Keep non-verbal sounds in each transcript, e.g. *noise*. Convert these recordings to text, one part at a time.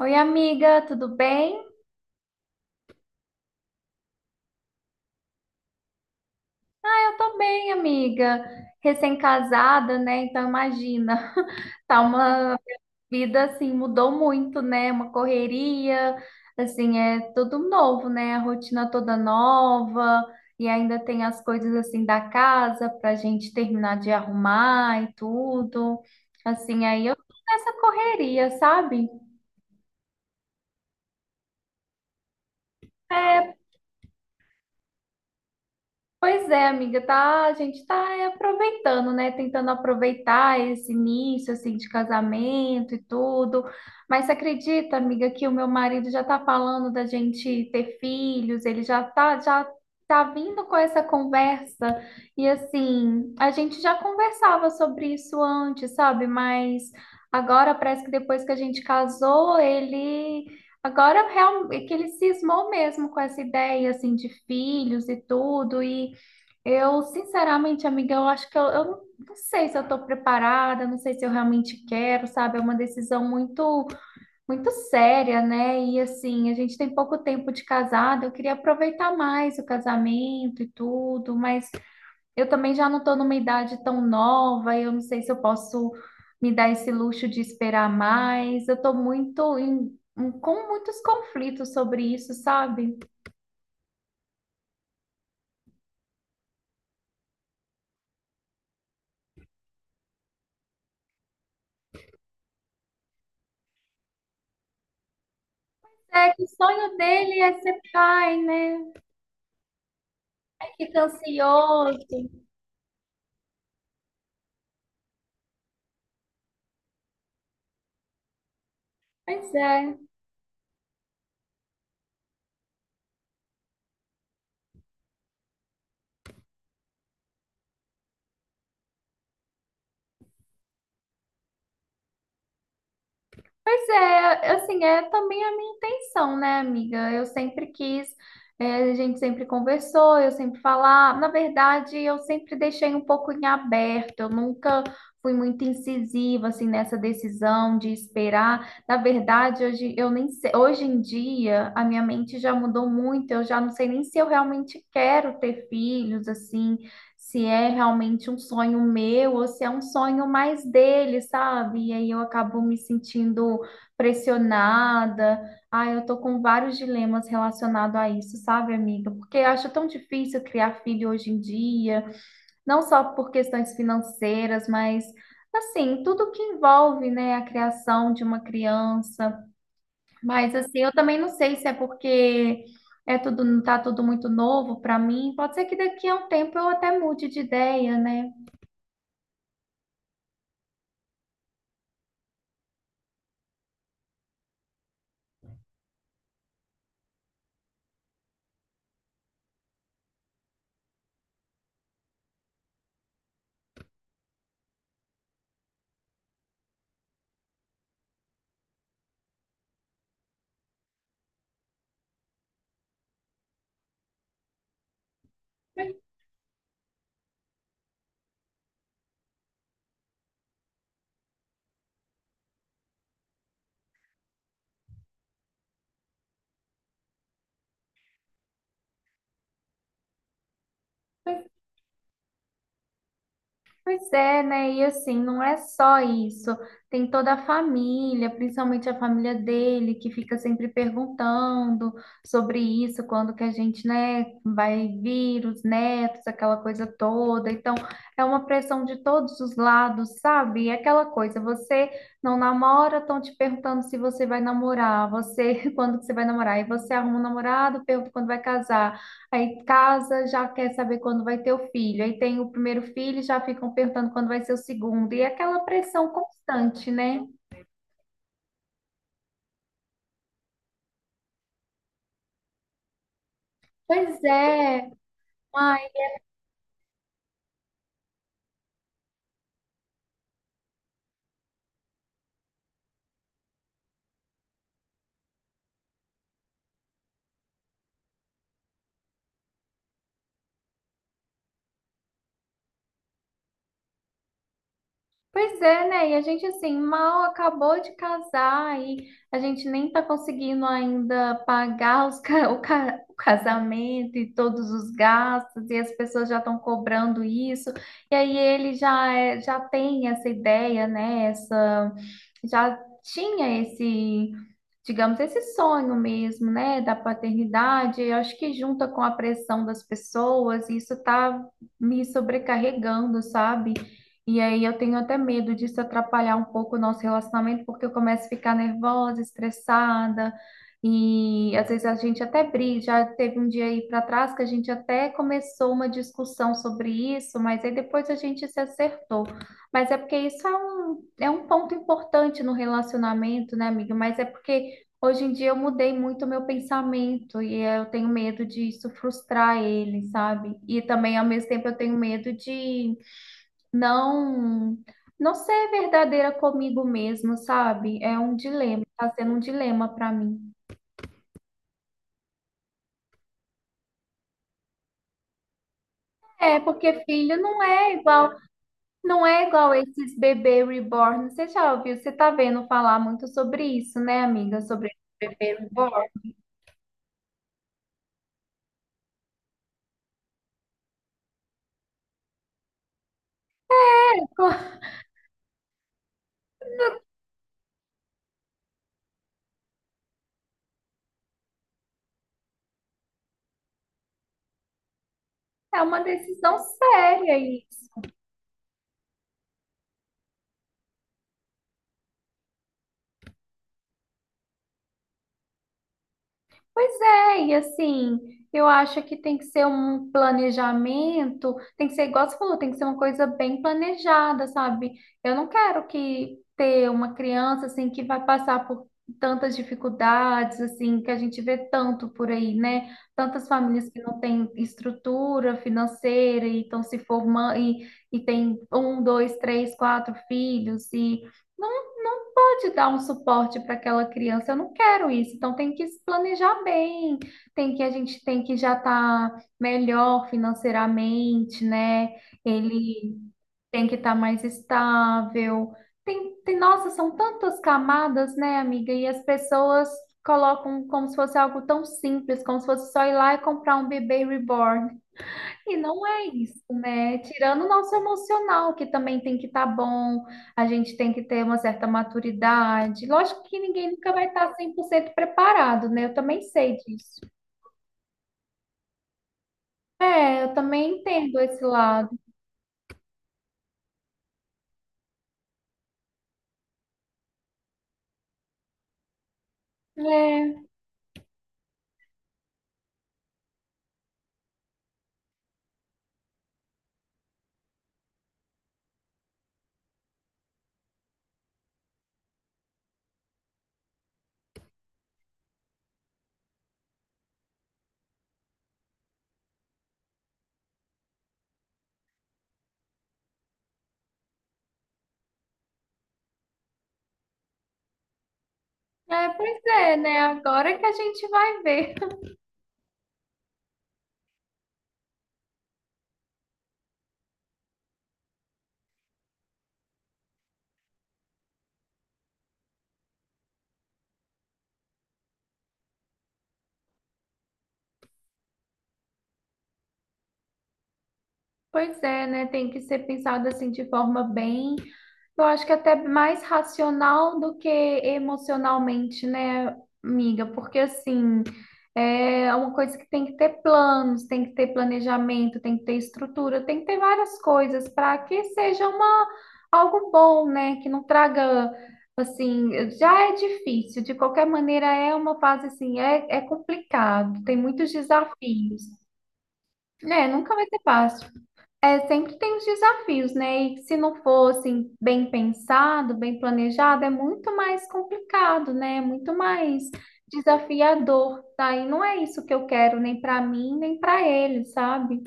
Oi, amiga, tudo bem? Ah, eu tô bem, amiga. Recém-casada, né? Então imagina, *laughs* tá uma vida assim, mudou muito, né? Uma correria, assim, é tudo novo, né? A rotina toda nova e ainda tem as coisas assim da casa pra gente terminar de arrumar e tudo. Assim, aí eu tô nessa correria, sabe? É, pois é, amiga, tá, a gente tá é, aproveitando, né? Tentando aproveitar esse início, assim, de casamento e tudo. Mas você acredita, amiga, que o meu marido já tá falando da gente ter filhos, ele já tá vindo com essa conversa. E assim, a gente já conversava sobre isso antes, sabe? Mas agora parece que depois que a gente casou, ele é que ele cismou mesmo com essa ideia assim de filhos e tudo e eu, sinceramente, amiga, eu acho que eu não sei se eu estou preparada, não sei se eu realmente quero, sabe? É uma decisão muito, muito séria, né? E assim, a gente tem pouco tempo de casado, eu queria aproveitar mais o casamento e tudo, mas eu também já não estou numa idade tão nova, eu não sei se eu posso me dar esse luxo de esperar mais. Eu estou muito com muitos conflitos sobre isso, sabe? É que o sonho dele é ser pai, né? Fica ansioso. Pois é. Pois é, assim, é também a minha intenção, né, amiga? Eu sempre quis, é, a gente sempre conversou, eu sempre falar. Na verdade, eu sempre deixei um pouco em aberto, eu nunca fui muito incisiva, assim, nessa decisão de esperar. Na verdade, hoje, eu nem sei- hoje em dia, a minha mente já mudou muito, eu já não sei nem se eu realmente quero ter filhos, assim, se é realmente um sonho meu ou se é um sonho mais dele, sabe? E aí eu acabo me sentindo pressionada. Ah, eu tô com vários dilemas relacionados a isso, sabe, amiga? Porque eu acho tão difícil criar filho hoje em dia, não só por questões financeiras, mas assim, tudo que envolve, né, a criação de uma criança. Mas assim, eu também não sei se é porque é tudo, não tá tudo muito novo para mim. Pode ser que daqui a um tempo eu até mude de ideia, né? Pois é, né? E assim, não é só isso. Tem toda a família, principalmente a família dele, que fica sempre perguntando sobre isso, quando que a gente, né, vai vir, os netos, aquela coisa toda. Então, é uma pressão de todos os lados, sabe? E aquela coisa, você não namora, estão te perguntando se você vai namorar, você, *laughs* quando que você vai namorar, e você arruma um namorado, pergunta quando vai casar. Aí casa, já quer saber quando vai ter o filho. Aí tem o primeiro filho, já ficam perguntando quando vai ser o segundo. E é aquela pressão constante, né? Pois é, uma pois é, né? E a gente, assim, mal acabou de casar e a gente nem tá conseguindo ainda pagar os ca- o, ca- o casamento e todos os gastos, e as pessoas já estão cobrando isso. E aí ele já, já tem essa ideia, né? Essa, já tinha esse, digamos, esse sonho mesmo, né? Da paternidade. Eu acho que junta com a pressão das pessoas, isso tá me sobrecarregando, sabe? E aí eu tenho até medo disso atrapalhar um pouco o nosso relacionamento, porque eu começo a ficar nervosa, estressada, e às vezes a gente até briga. Já teve um dia aí para trás que a gente até começou uma discussão sobre isso, mas aí depois a gente se acertou. Mas é porque é um ponto importante no relacionamento, né, amiga? Mas é porque hoje em dia eu mudei muito o meu pensamento e eu tenho medo disso frustrar ele, sabe? E também, ao mesmo tempo, eu tenho medo de não não ser verdadeira comigo mesma, sabe? É um dilema, tá sendo um dilema pra mim. É, porque filho não é igual, não é igual esses bebê reborn. Você já ouviu? Você tá vendo falar muito sobre isso, né, amiga? Sobre bebê reborn. *laughs* É uma decisão séria isso. Pois é, e assim, eu acho que tem que ser um planejamento, tem que ser igual você falou, tem que ser uma coisa bem planejada, sabe? Eu não quero que ter uma criança assim que vai passar por tantas dificuldades, assim, que a gente vê tanto por aí, né? Tantas famílias que não têm estrutura financeira e estão se formando e tem um, dois, três, quatro filhos e não de dar um suporte para aquela criança, eu não quero isso. Então tem que se planejar bem, tem que a gente tem que já estar melhor financeiramente, né? Ele tem que estar mais estável. Nossa, são tantas camadas, né, amiga? E as pessoas colocam como se fosse algo tão simples, como se fosse só ir lá e comprar um bebê reborn. E não é isso, né? Tirando o nosso emocional, que também tem que estar bom, a gente tem que ter uma certa maturidade. Lógico que ninguém nunca vai estar 100% preparado, né? Eu também sei disso. É, eu também entendo esse lado. É, pois é, né? Agora que a gente vai ver. *laughs* Pois é, né? Tem que ser pensado assim de forma bem, eu acho que é até mais racional do que emocionalmente, né, amiga? Porque assim, é uma coisa que tem que ter planos, tem que ter planejamento, tem que ter estrutura, tem que ter várias coisas para que seja uma algo bom, né? Que não traga assim, já é difícil, de qualquer maneira é uma fase assim, é complicado, tem muitos desafios. Né? Nunca vai ser fácil. É, sempre tem os desafios, né? E se não fossem bem pensado, bem planejado, é muito mais complicado, né? É muito mais desafiador, tá? E não é isso que eu quero, nem para mim, nem para ele, sabe?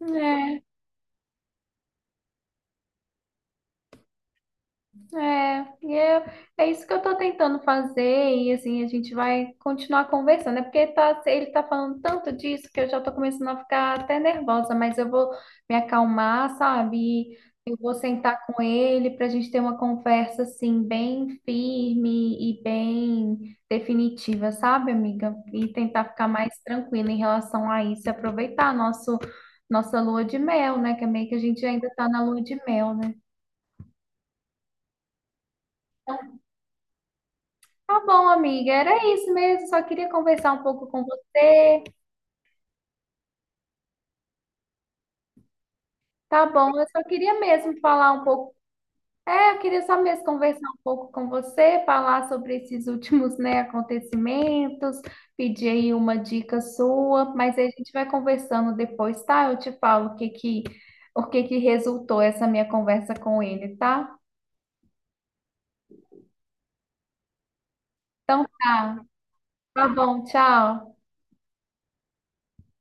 É. É, e é, é isso que eu tô tentando fazer, e assim, a gente vai continuar conversando, é porque tá, ele tá falando tanto disso que eu já tô começando a ficar até nervosa, mas eu vou me acalmar, sabe? E eu vou sentar com ele pra gente ter uma conversa, assim, bem firme e bem definitiva, sabe, amiga? E tentar ficar mais tranquila em relação a isso, e aproveitar nossa lua de mel, né? Que é meio que a gente ainda tá na lua de mel, né? Tá bom, amiga, era isso mesmo. Só queria conversar um pouco com você. Tá bom, eu só queria mesmo falar um pouco. É, eu queria só mesmo conversar um pouco com você, falar sobre esses últimos, né, acontecimentos, pedir aí uma dica sua, mas aí a gente vai conversando depois, tá? Eu te falo o que que resultou essa minha conversa com ele, tá? Então tá, tá bom, tchau.